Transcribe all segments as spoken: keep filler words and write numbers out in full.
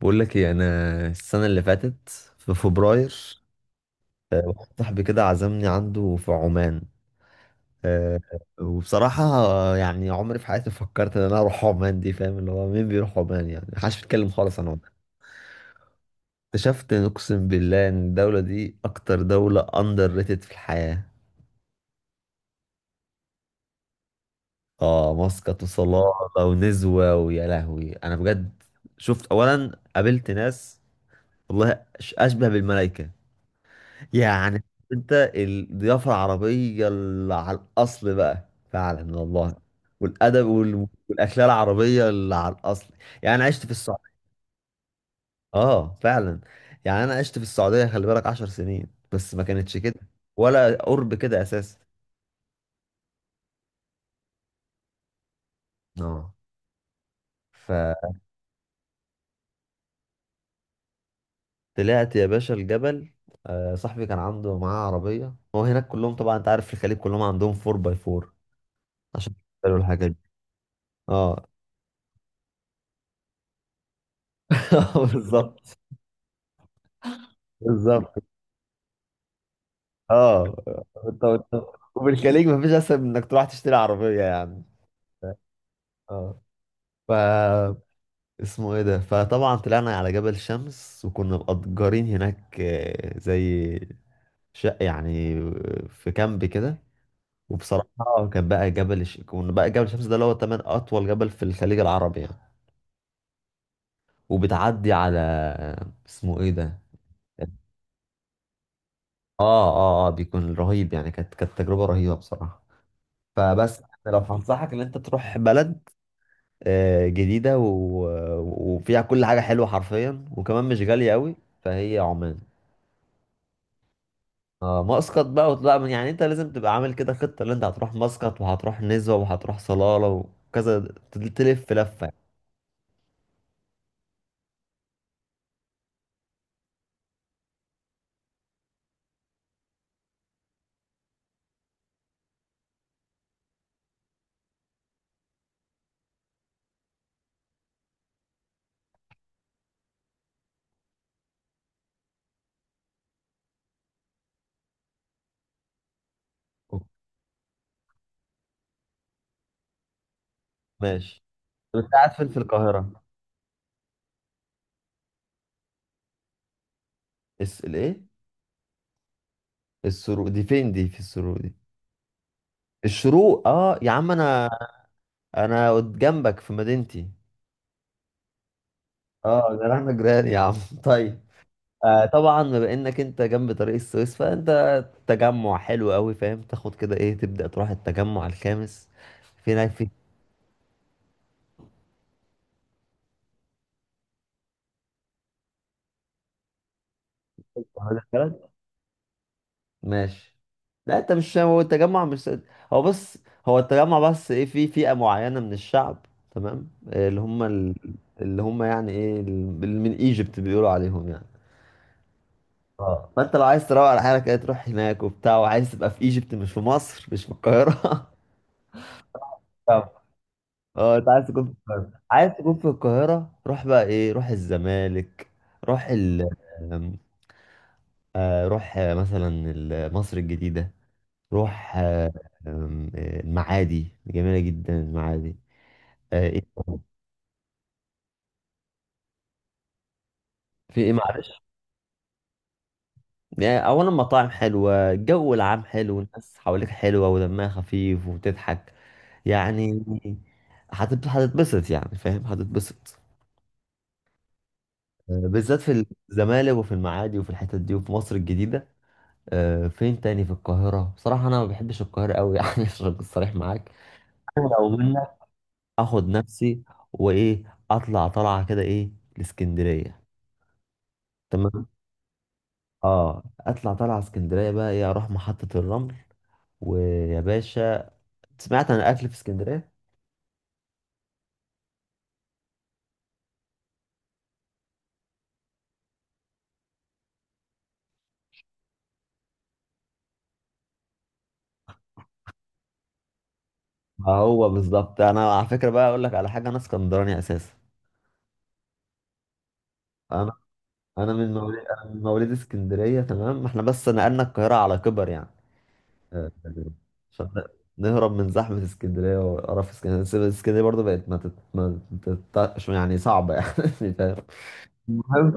بقول لك ايه، انا السنه اللي فاتت في فبراير. آه، واحد صاحبي كده عزمني عنده في عمان. آه، وبصراحه، آه، يعني عمري في حياتي ما فكرت ان انا اروح عمان دي، فاهم؟ اللي هو مين بيروح عمان؟ يعني محدش بيتكلم خالص عن عمان. اكتشفت إن، اقسم بالله، ان الدوله دي اكتر دوله اندر ريتد في الحياه. اه، مسقط وصلالة ونزوة، ويا لهوي انا بجد شفت، اولا قابلت ناس، والله، أش- اشبه بالملائكه، يعني، انت الضيافة العربية اللي على الأصل بقى، فعلا والله، والأدب وال- والأكلة العربية اللي على الأصل. يعني أنا عشت في السعودية. آه فعلا. يعني أنا عشت في السعودية، خلي بالك، عشر سنين، بس ما كانتش كده، ولا قرب كده أساسا. آه. فطلعت يا باشا الجبل. آه، صاحبي كان عنده معاه عربية هو هناك، كلهم طبعا، أنت عارف، في الخليج كلهم عندهم أربعة باي أربعة عشان يشتروا الحاجات دي. آه. بالظبط. بالظبط. اه. انت انت وفي الخليج مفيش اسهل من انك تروح تشتري عربيه يعني. اه. ف اسمه ايه ده؟ فطبعا طلعنا على جبل شمس، وكنا مأجرين هناك، آه، زي شقه يعني، في كامب كده. وبصراحه كان بقى، جبل ش... كنا بقى جبل شمس ده، اللي هو تمن اطول جبل في الخليج العربي يعني. وبتعدي على، اسمه ايه ده؟ اه اه اه، بيكون رهيب يعني. كانت كانت تجربه رهيبه بصراحه. فبس يعني لو هنصحك ان انت تروح بلد، آه، جديدة و... وفيها كل حاجة حلوة حرفيا، وكمان مش غالية قوي، فهي عمان. آه، مسقط بقى، وتبقى من، يعني انت لازم تبقى عامل كده خطة، اللي انت هتروح مسقط، وهتروح نزوة، وهتروح صلالة، وكذا، ت- تلف لفة يعني. أوكي. ماشي. طب انت قاعد فين في القاهرة؟ الس... الايه؟ السروق دي فين؟ دي في السروق دي؟ الشروق، اه يا عم، انا، انا قد- جنبك في مدينتي. اه، ده انا جيران يا عم. طيب. آه طبعا بما انك انت جنب طريق السويس، فانت تجمع حلو قوي، فاهم؟ تاخد كده ايه، تبدا تروح التجمع الخامس في هناك في هذا البلد. ماشي. لا انت مش، هو التجمع مش، هو، بص، هو التجمع بس ايه، في فئه معينه من الشعب، تمام؟ آه، اللي هم ال... اللي هم يعني ايه، ال- اللي من ايجيبت بيقولوا عليهم يعني. اه، فانت لو عايز تروق على حالك، ايه، تروح هناك وبتاع، وعايز تبقى في ايجيبت، مش في مصر، مش في القاهره. اه، انت عايز تكون في القاهرة؟ عايز تكون في القاهرة، روح بقى ايه، روح الزمالك، روح ال آم، آه، روح آه، مثلا ال- مصر الجديدة، روح آه، آم، آه، المعادي، جميلة جدا المعادي. آه، ايه تاني؟ في ايه معلش، يعني اولا مطاعم حلوة، الجو العام حلو، الناس حواليك حلوة ودمها خفيف وبتضحك يعني. هتت- هتتبسط يعني، فاهم؟ هتتبسط، آه، بالذات في الزمالك، وفي المعادي، وفي الحتت دي، وفي مصر الجديدة. آه، فين تاني في القاهرة؟ بصراحة أنا ما بحبش القاهرة أوي، يعني عشان أكون صريح معاك. أنا لو منك، أخد نفسي وإيه، أطلع طلعة كده، إيه، الإسكندرية. تمام. آه، أطلع طلعة اسكندرية بقى، إيه، أروح محطة الرمل. ويا باشا، سمعت عن الأكل في اسكندرية؟ ما هو بالظبط. أنا على فكرة بقى أقول لك على حاجة، أنا اسكندراني أساسا. أنا أنا من موليد أنا من موليد اسكندرية، تمام؟ إحنا بس نقلنا القاهرة على كبر يعني، آه، عشان نهرب من زحمة اسكندرية وقرف اسكندرية. بس اسكندرية برضه بقت ما تت... ما تتطقش يعني، صعبة يعني، فاهم؟ المهم،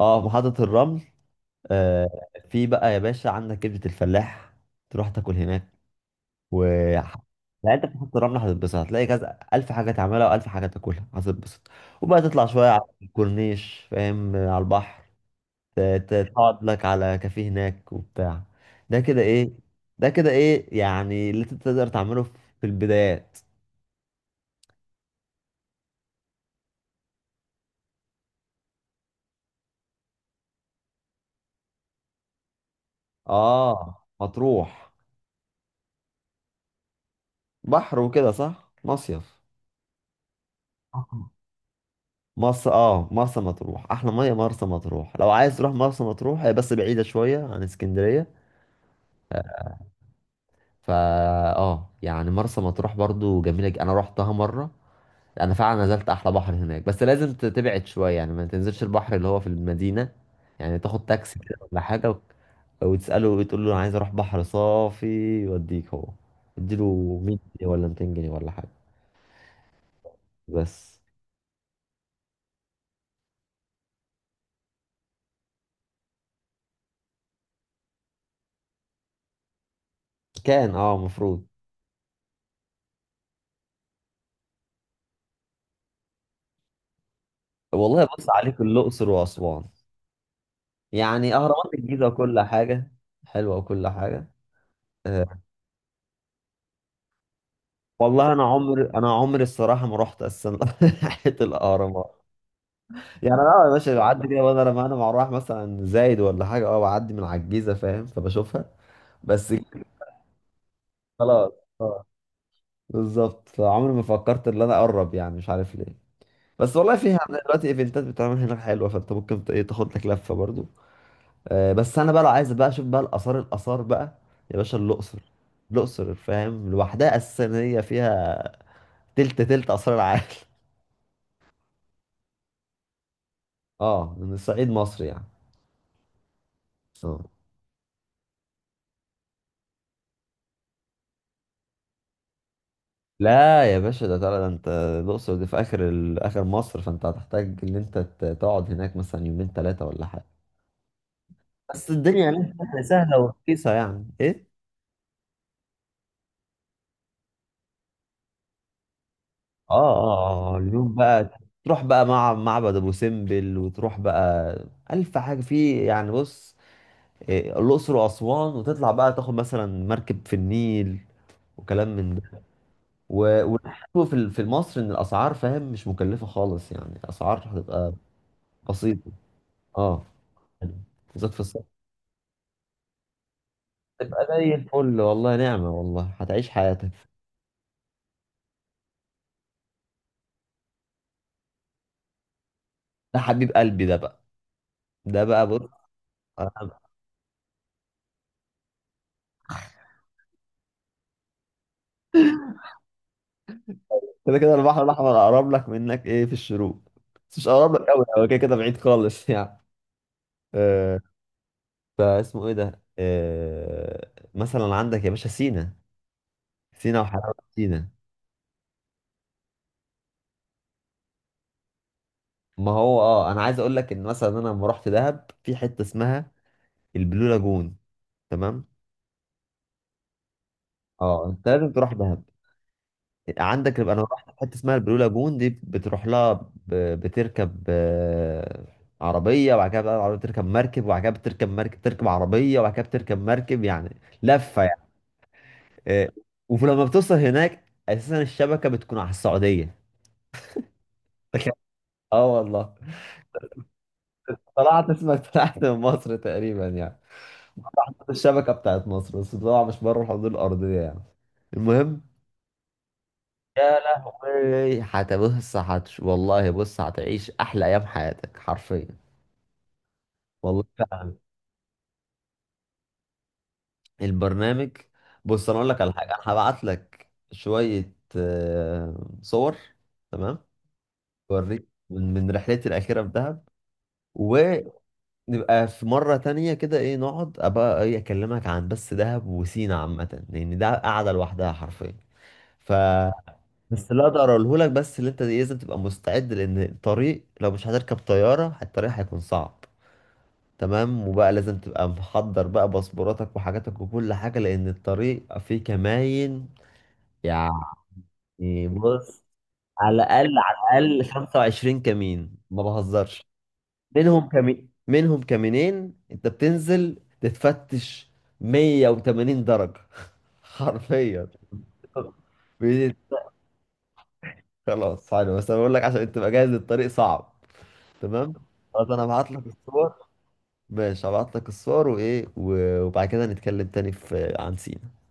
اه، محطة الرمل. آه، في بقى يا باشا عندك كبدة الفلاح، تروح تاكل هناك. و، لا، انت في محطة الرمل هتتبسط، هتلاقي كذا ألف حاجة تعملها وألف حاجة تاكلها، هتتبسط. وبقى تطلع شوية على الكورنيش، فاهم، على البحر. ت- ت- تقعد لك على كافيه هناك وبتاع. ده كده ايه، ده كده ايه يعني اللي انت تقدر تعمله في البدايات. اه، مطروح، بحر وكده صح؟ مصيف. آه. مرسى، اه، مرسى مطروح، احلى ميه مرسى مطروح. لو عايز تروح مرسى مطروح، هي بس بعيده شويه عن اسكندريه. فا اه، يعني مرسى مطروح برضو جميله، ج- انا روحتها مره، انا فعلا نزلت احلى بحر هناك. بس لازم ت- تبعد شويه يعني، ما تنزلش البحر اللي هو في المدينه يعني. تاخد تاكسي كده ولا حاجه، و... وتساله وتقول له انا عايز اروح بحر صافي، يوديك هو، اديله مية جنيه ولا مئتين جنيه ولا حاجه. بس. كان اه، المفروض، والله بص، عليك الاقصر واسوان، يعني اهرامات الجيزه وكل حاجه حلوه وكل حاجه. أه. والله انا عمري انا عمري الصراحه ما رحت اصلا ناحيه الاهرامات يعني. انا آه يا باشا بعدي كده، وانا لما انا مع، رايح مثلا زايد ولا حاجه، اه بعدي من على الجيزه، فاهم، فبشوفها بس كده. خلاص. اه، بالظبط. فعمري ما فكرت ان انا اقرب، يعني مش عارف ليه. بس والله فيها دلوقتي ايفنتات بتتعمل هناك حلوه، فانت ممكن ت- ايه، تاخد لك لفه برضو. آه. بس انا بقى لو عايز بقى اشوف بقى الاثار، الاثار بقى يا باشا الاقصر. الاقصر، فاهم، لوحدها اساسا هي فيها تلت تلت اثار العالم. اه، من صعيد مصر يعني. اه. لا يا باشا، ده طلع، ده انت الاقصر دي في اخر ال- اخر مصر، فانت هتحتاج ان انت ت- تقعد هناك مثلا يومين ثلاثه ولا حاجه. بس الدنيا هناك سهله، سهلة ورخيصه يعني، ايه. اه اه اه، اليوم بقى تروح بقى مع معبد ابو سمبل، وتروح بقى الف حاجه في، يعني بص، إيه، الاقصر واسوان، وتطلع بقى تاخد مثلا مركب في النيل وكلام من ده. و- والحلو في ال- في مصر ان الاسعار، فاهم، مش مكلفه خالص يعني، اسعار هتبقى بسيطه. اه، بالذات في الصيف، تبقى زي الفل، والله نعمة، والله هتعيش حياتك. ده حبيب قلبي ده بقى، ده بقى بص، أنا- كده كده البحر الأحمر أقرب لك منك، إيه، في الشروق، بس مش أقرب لك أوي، هو كده كده بعيد خالص يعني. آه، فاسمه إيه ده، آه، مثلا عندك يا باشا سينا، سينا وحلاوة سينا. ما هو أه، أنا عايز أقول لك إن مثلا أنا لما رحت دهب، في حتة اسمها البلو لاجون، تمام؟ أه، أنت لازم تروح دهب. عندك يبقى، انا رحت في حته اسمها البلو لاجون دي، بتروح لها، ب... بتركب، آه، عربيه، وبعد كده بقى العربيه بتركب مركب، وبعد كده بتركب مركب، تركب عربيه، وبعد كده بتركب مركب، يعني لفه يعني. آه، ولما بتوصل هناك، اساسا الشبكه بتكون على السعوديه. اه والله. طلعت اسمك، طلعت من مصر تقريبا يعني، الشبكه بتاعت مصر، بس طبعا مش بره الحدود الارضيه يعني. المهم، يا لهوي، هتبص، هتش، والله بص، هتعيش احلى ايام حياتك حرفيا، والله فعلا. البرنامج، بص انا اقول لك على حاجه، انا هبعت لك شويه، آه، صور، تمام؟ اوريك من من رحلتي الاخيره في دهب، ونبقى في مره تانية كده ايه، نقعد ابقى ايه، اكلمك عن بس دهب وسينا عامه، لان ده قاعده لوحدها حرفيا. ف بس اللي اقدر اقوله لك، بس اللي انت لازم تبقى مستعد، لان الطريق، لو مش هتركب طياره، الطريق هيكون صعب، تمام؟ وبقى لازم تبقى محضر بقى باسبوراتك وحاجاتك وكل حاجة، لأن الطريق فيه كماين يعني. بص، على الأقل، على الأقل 25 كمين، ما بهزرش. منهم كمين، منهم كمينين أنت بتنزل تتفتش 180 درجة، حرفيا. بي- خلاص، حلو. بس أنا بقول لك عشان أنت تبقى جاهز، الطريق صعب، تمام؟ خلاص، أنا هبعت لك الصور. ماشي، هبعت لك الصور وإيه، و- وبعد كده نتكلم تاني في عن سينا.